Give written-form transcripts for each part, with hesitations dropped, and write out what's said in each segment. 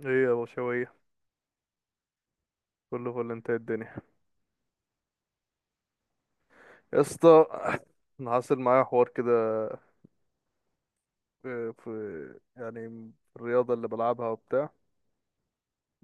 ايه يا بشوية، كله فل. انت إيه الدنيا؟ يا اسطى، انا حاصل معايا حوار كده يعني الرياضة اللي بلعبها وبتاع.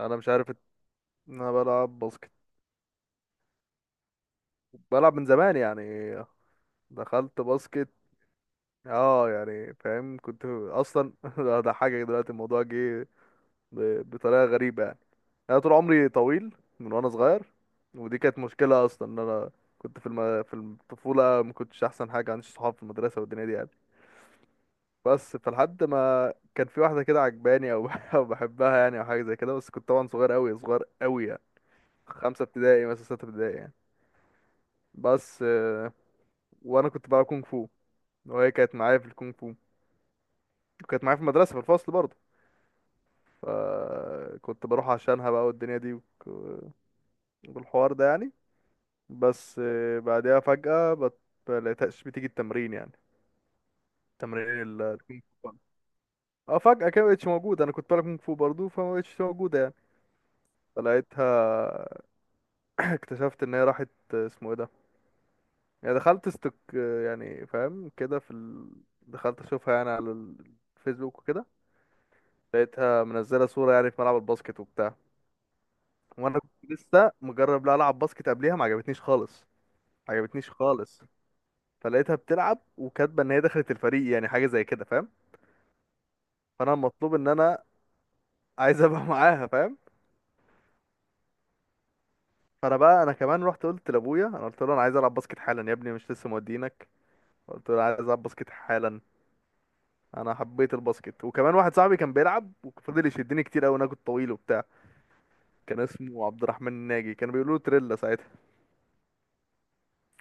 انا مش عارف ان انا بلعب باسكت، بلعب من زمان يعني، دخلت باسكت. اه يعني فاهم، كنت اصلا ده حاجة دلوقتي الموضوع جه بطريقة غريبة يعني. انا طول عمري طويل من وانا صغير، ودي كانت مشكلة اصلا، ان انا كنت في في الطفولة ما كنتش احسن حاجة، عنديش صحاب في المدرسة والدنيا دي يعني. بس فلحد ما كان في واحدة كده عجباني أو أو بحبها يعني، أو حاجة زي كده، بس كنت طبعا صغير أوي صغير أوي يعني، 5 ابتدائي مثلا 6 ابتدائي يعني. بس آه، وأنا كنت بلعب كونغ فو، وهي كانت معايا في الكونغ فو، وكانت معايا في المدرسة في الفصل برضه، فكنت بروح عشانها بقى والدنيا دي والحوار ده يعني. بس آه، بعدها فجأة ملقتهاش بتيجي التمرين يعني، تمرين الكونغ فو. اه فجأة كده مبقتش موجودة، أنا كنت بلعب كونغ فو برضه فمبقتش موجودة يعني. فلقيتها، اكتشفت ان هي راحت، اسمه ايه ده، يعني دخلت استك، يعني فاهم كده، في دخلت اشوفها يعني على الفيسبوك وكده. لقيتها منزله صوره يعني في ملعب الباسكت وبتاع، وانا كنت لسه مجرب لا العب باسكت قبليها، ما عجبتنيش خالص، ما عجبتنيش خالص. فلقيتها بتلعب وكاتبه ان هي دخلت الفريق يعني، حاجه زي كده فاهم. فانا المطلوب ان انا عايز ابقى معاها فاهم. فانا بقى انا كمان رحت قلت لابويا، انا قلت له انا عايز العب باسكت حالا. يا ابني مش لسه مودينك؟ قلت له أنا عايز العب باسكت حالا. انا حبيت الباسكت، وكمان واحد صاحبي كان بيلعب وفضل يشدني كتير قوي، انا كنت طويل وبتاع. كان اسمه عبد الرحمن الناجي، كانوا بيقولوا له تريلا ساعتها.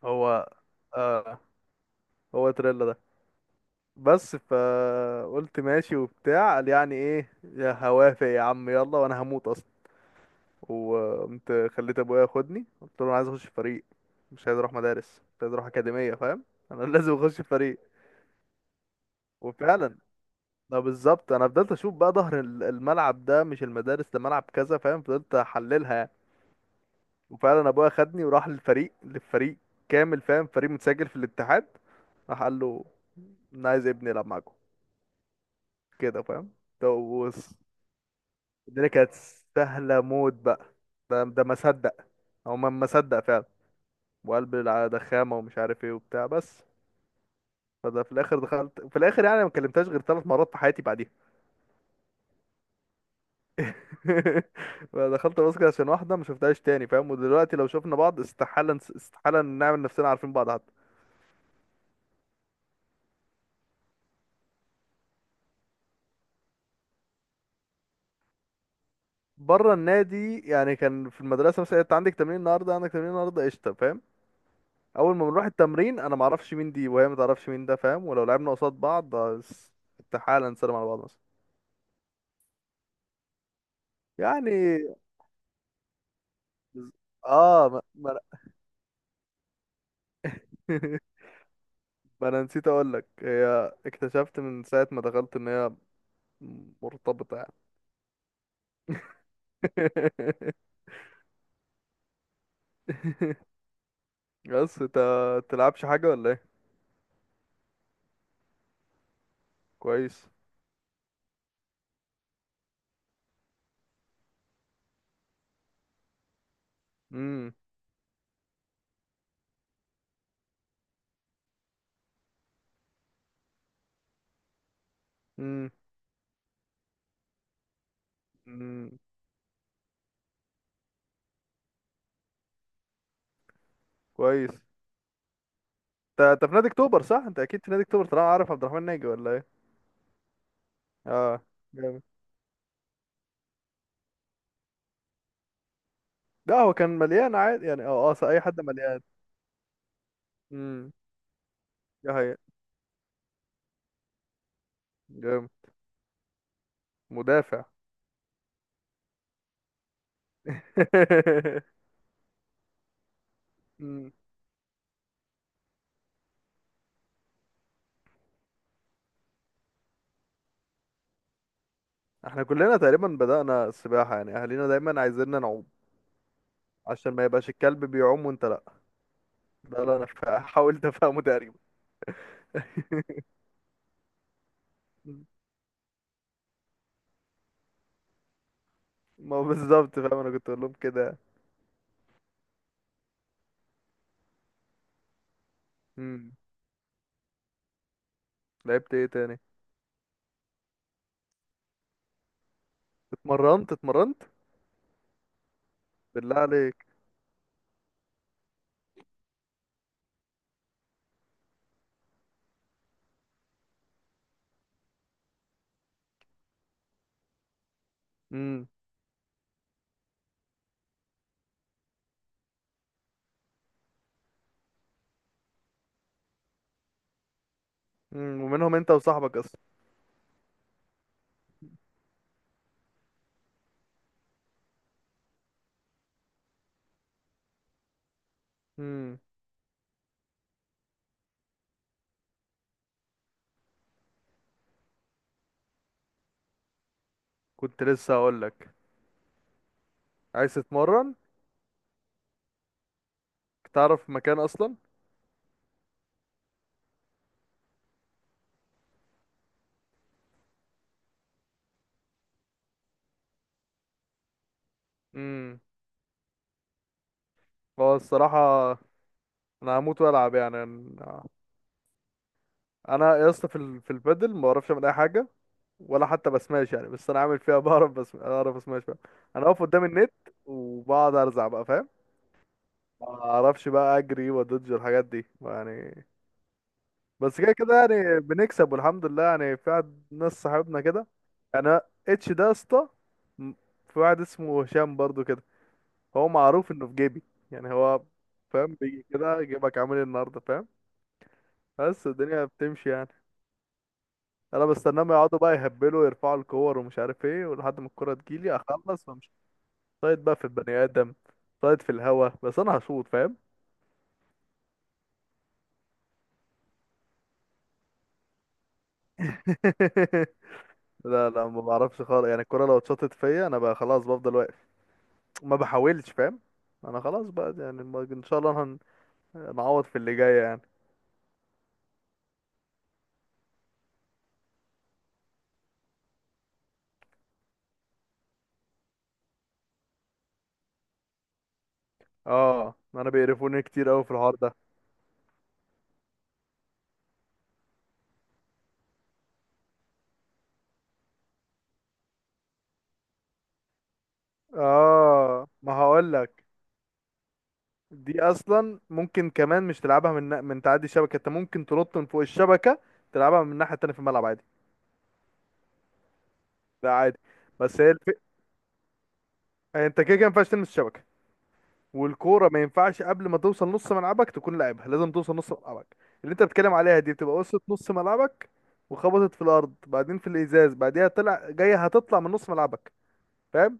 هو آه، هو تريلا ده. بس فقلت ماشي وبتاع، قال يعني ايه، يا هوافق يا عم يلا، وانا هموت اصلا. وقمت خليت ابويا ياخدني، قلت له انا عايز اخش فريق، مش عايز اروح مدارس، مش عايز اروح اكاديميه فاهم. انا لازم اخش فريق. وفعلا، ده بالظبط، انا فضلت اشوف بقى ظهر الملعب ده، مش المدارس، ده ملعب كذا فاهم، فضلت احللها. وفعلا ابويا خدني وراح للفريق، للفريق كامل فاهم، فريق متسجل في الاتحاد. راح قال له انا عايز ابني يلعب معاكم، كده فاهم. ده وص- الدنيا كانت سهله موت بقى. ده ما صدق، هو ما صدق فعلا. وقلب ده خامه ومش عارف ايه وبتاع بس. فده في الاخر، دخلت في الاخر يعني، ما كلمتهاش غير 3 مرات في حياتي بعديها. دخلت باسكت عشان واحده ما شفتهاش تاني فاهم. ودلوقتي لو شفنا بعض استحاله استحاله نعمل نفسنا عارفين بعض حتى. بره النادي يعني كان في المدرسه مثلا، انت عندك تمرين النهارده، عندك تمرين النهارده قشطه فاهم. اول ما بنروح التمرين انا ما اعرفش مين دي وهي ما تعرفش مين ده فاهم، ولو لعبنا قصاد بعض آه، استحاله نسلم على بعض مثلا. يعني اه، ما, ما... أنا- ما انا نسيت اقول لك هي اكتشفت من ساعه ما دخلت ان هي مرتبطه يعني. بس انت تلعبش حاجه ولا ايه؟ كويس. امم. امم. أمم. كويس. انت انت في نادي اكتوبر صح؟ انت اكيد في نادي اكتوبر طالما عارف عبد الرحمن ناجي، ولا ايه؟ اه، جامد. لا هو كان مليان عادي يعني، اه اه اي حد مليان. امم. دي حقيقة، جامد. مدافع. امم. احنا كلنا تقريبا بدأنا السباحة يعني، اهالينا دايما عايزيننا نعوم، عشان ما يبقاش الكلب بيعوم وانت لا. ده اللي انا حاولت افهمه تقريبا. مم. ما هو بالظبط فاهم، انا كنت اقول لهم كده. امم. لعبت ايه تاني؟ اتمرنت بالله عليك. امم. ومنهم انت وصاحبك. اصلا كنت لسه هقول لك. عايز تتمرن؟ تعرف مكان اصلا؟ امم. هو الصراحه، انا هموت والعب يعني. انا، أنا يا اسطى في في البادل ما بعرفش اعمل اي حاجه، ولا حتى بسماش يعني، بس انا عامل فيها بعرف، بس اعرف اسماش بقى. انا اقف قدام النت وبقعد ارزع بقى فاهم. ما اعرفش بقى اجري وادج الحاجات دي يعني. بس كده كده يعني بنكسب والحمد لله يعني، في واحد- ناس صاحبنا كده يعني. انا اتش ده يا اسطى، م- في واحد اسمه هشام برضو كده، هو معروف انه في جيبي يعني، هو فاهم، بيجي كده جيبك، عامل إيه النهارده فاهم. بس الدنيا بتمشي يعني. انا بستناهم يقعدوا بقى يهبلوا يرفعوا الكور ومش عارف ايه، ولحد ما الكرة تجيلي اخلص وامشي، صايد بقى في البني ادم، صايد في الهوا بس انا هشوط فاهم. لا لا ما بعرفش خالص يعني، الكرة لو اتشاطت فيا انا بقى خلاص بفضل واقف، ما بحاولش فاهم. انا خلاص بقى يعني ان شاء الله نعوض في اللي جاي يعني. اه انا بيقرفوني كتير قوي في الحوار ده. اه ما هقول لك، دي اصلا ممكن كمان مش تلعبها من، من تعدي الشبكه انت، ممكن تنط من فوق الشبكه تلعبها من الناحيه التانيه في الملعب عادي. لا عادي. بس هي انت كده كده ما ينفعش تلمس الشبكه، والكوره ما ينفعش قبل ما توصل نص ملعبك تكون لاعبها، لازم توصل نص ملعبك. اللي انت بتتكلم عليها دي بتبقى وصلت نص ملعبك، وخبطت في الارض، بعدين في الازاز، بعديها طلع جايه، هتطلع من نص ملعبك فاهم.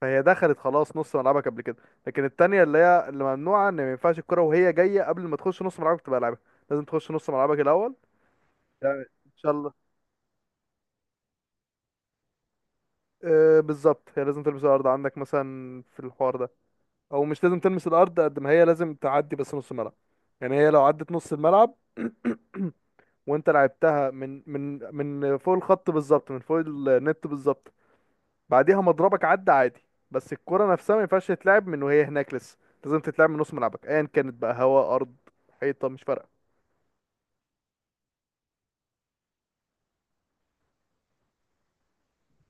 فهي دخلت خلاص نص ملعبك قبل كده. لكن التانية اللي هي اللي ممنوعة، ان ما ينفعش الكرة وهي جاية قبل ما تخش نص ملعبك تبقى لعبها، لازم تخش نص ملعبك الأول. يعني ان شاء الله. آه بالظبط، هي لازم تلمس الارض عندك مثلا في الحوار ده، او مش لازم تلمس الارض قد ما هي لازم تعدي بس نص الملعب. يعني هي لو عدت نص الملعب وانت لعبتها من من فوق الخط بالظبط، من فوق النت بالظبط، بعديها مضربك عدى عادي. بس الكرة نفسها ما ينفعش تتلعب من وهي هناك لسه، لازم تتلعب من نص ملعبك ايا كانت بقى، هواء ارض حيطة مش فارقة.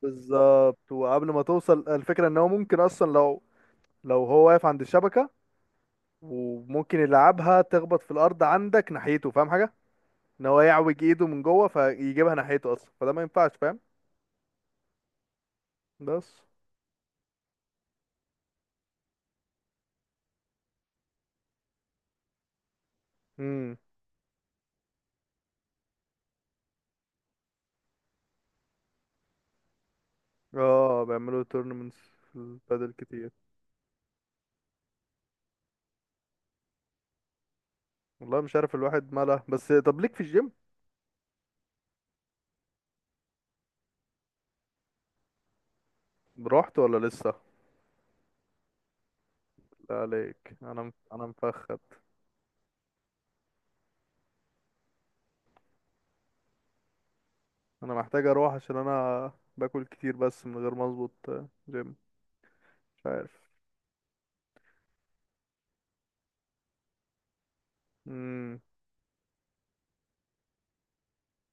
بالظبط، وقبل ما توصل الفكرة، ان هو ممكن اصلا لو هو واقف عند الشبكة وممكن يلعبها، تخبط في الارض عندك ناحيته فاهم حاجه، ان هو يعوج ايده من جوه فيجيبها ناحيته اصلا، فده ما ينفعش فاهم. بس، امم اه بيعملوا تورنمنتس في البادل كتير. والله مش عارف الواحد ماله، بس طب ليك في الجيم؟ رحت ولا لسه؟ لا عليك، انا انا مفخد. انا محتاج اروح عشان انا باكل كتير بس من غير ما اظبط جيم، مش عارف. امم.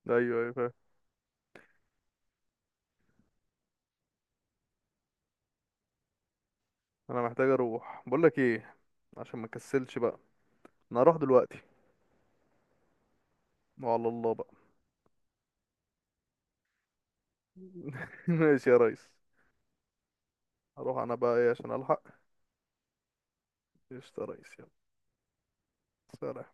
ايوه ايوه فاهم. انا محتاج اروح بقول لك ايه، عشان ما كسلش بقى. انا هروح دلوقتي، وعلى الله بقى. ماشي يا ريس. هروح انا بقى ايه عشان الحق. قشطة يا ريس، يلا. سلام.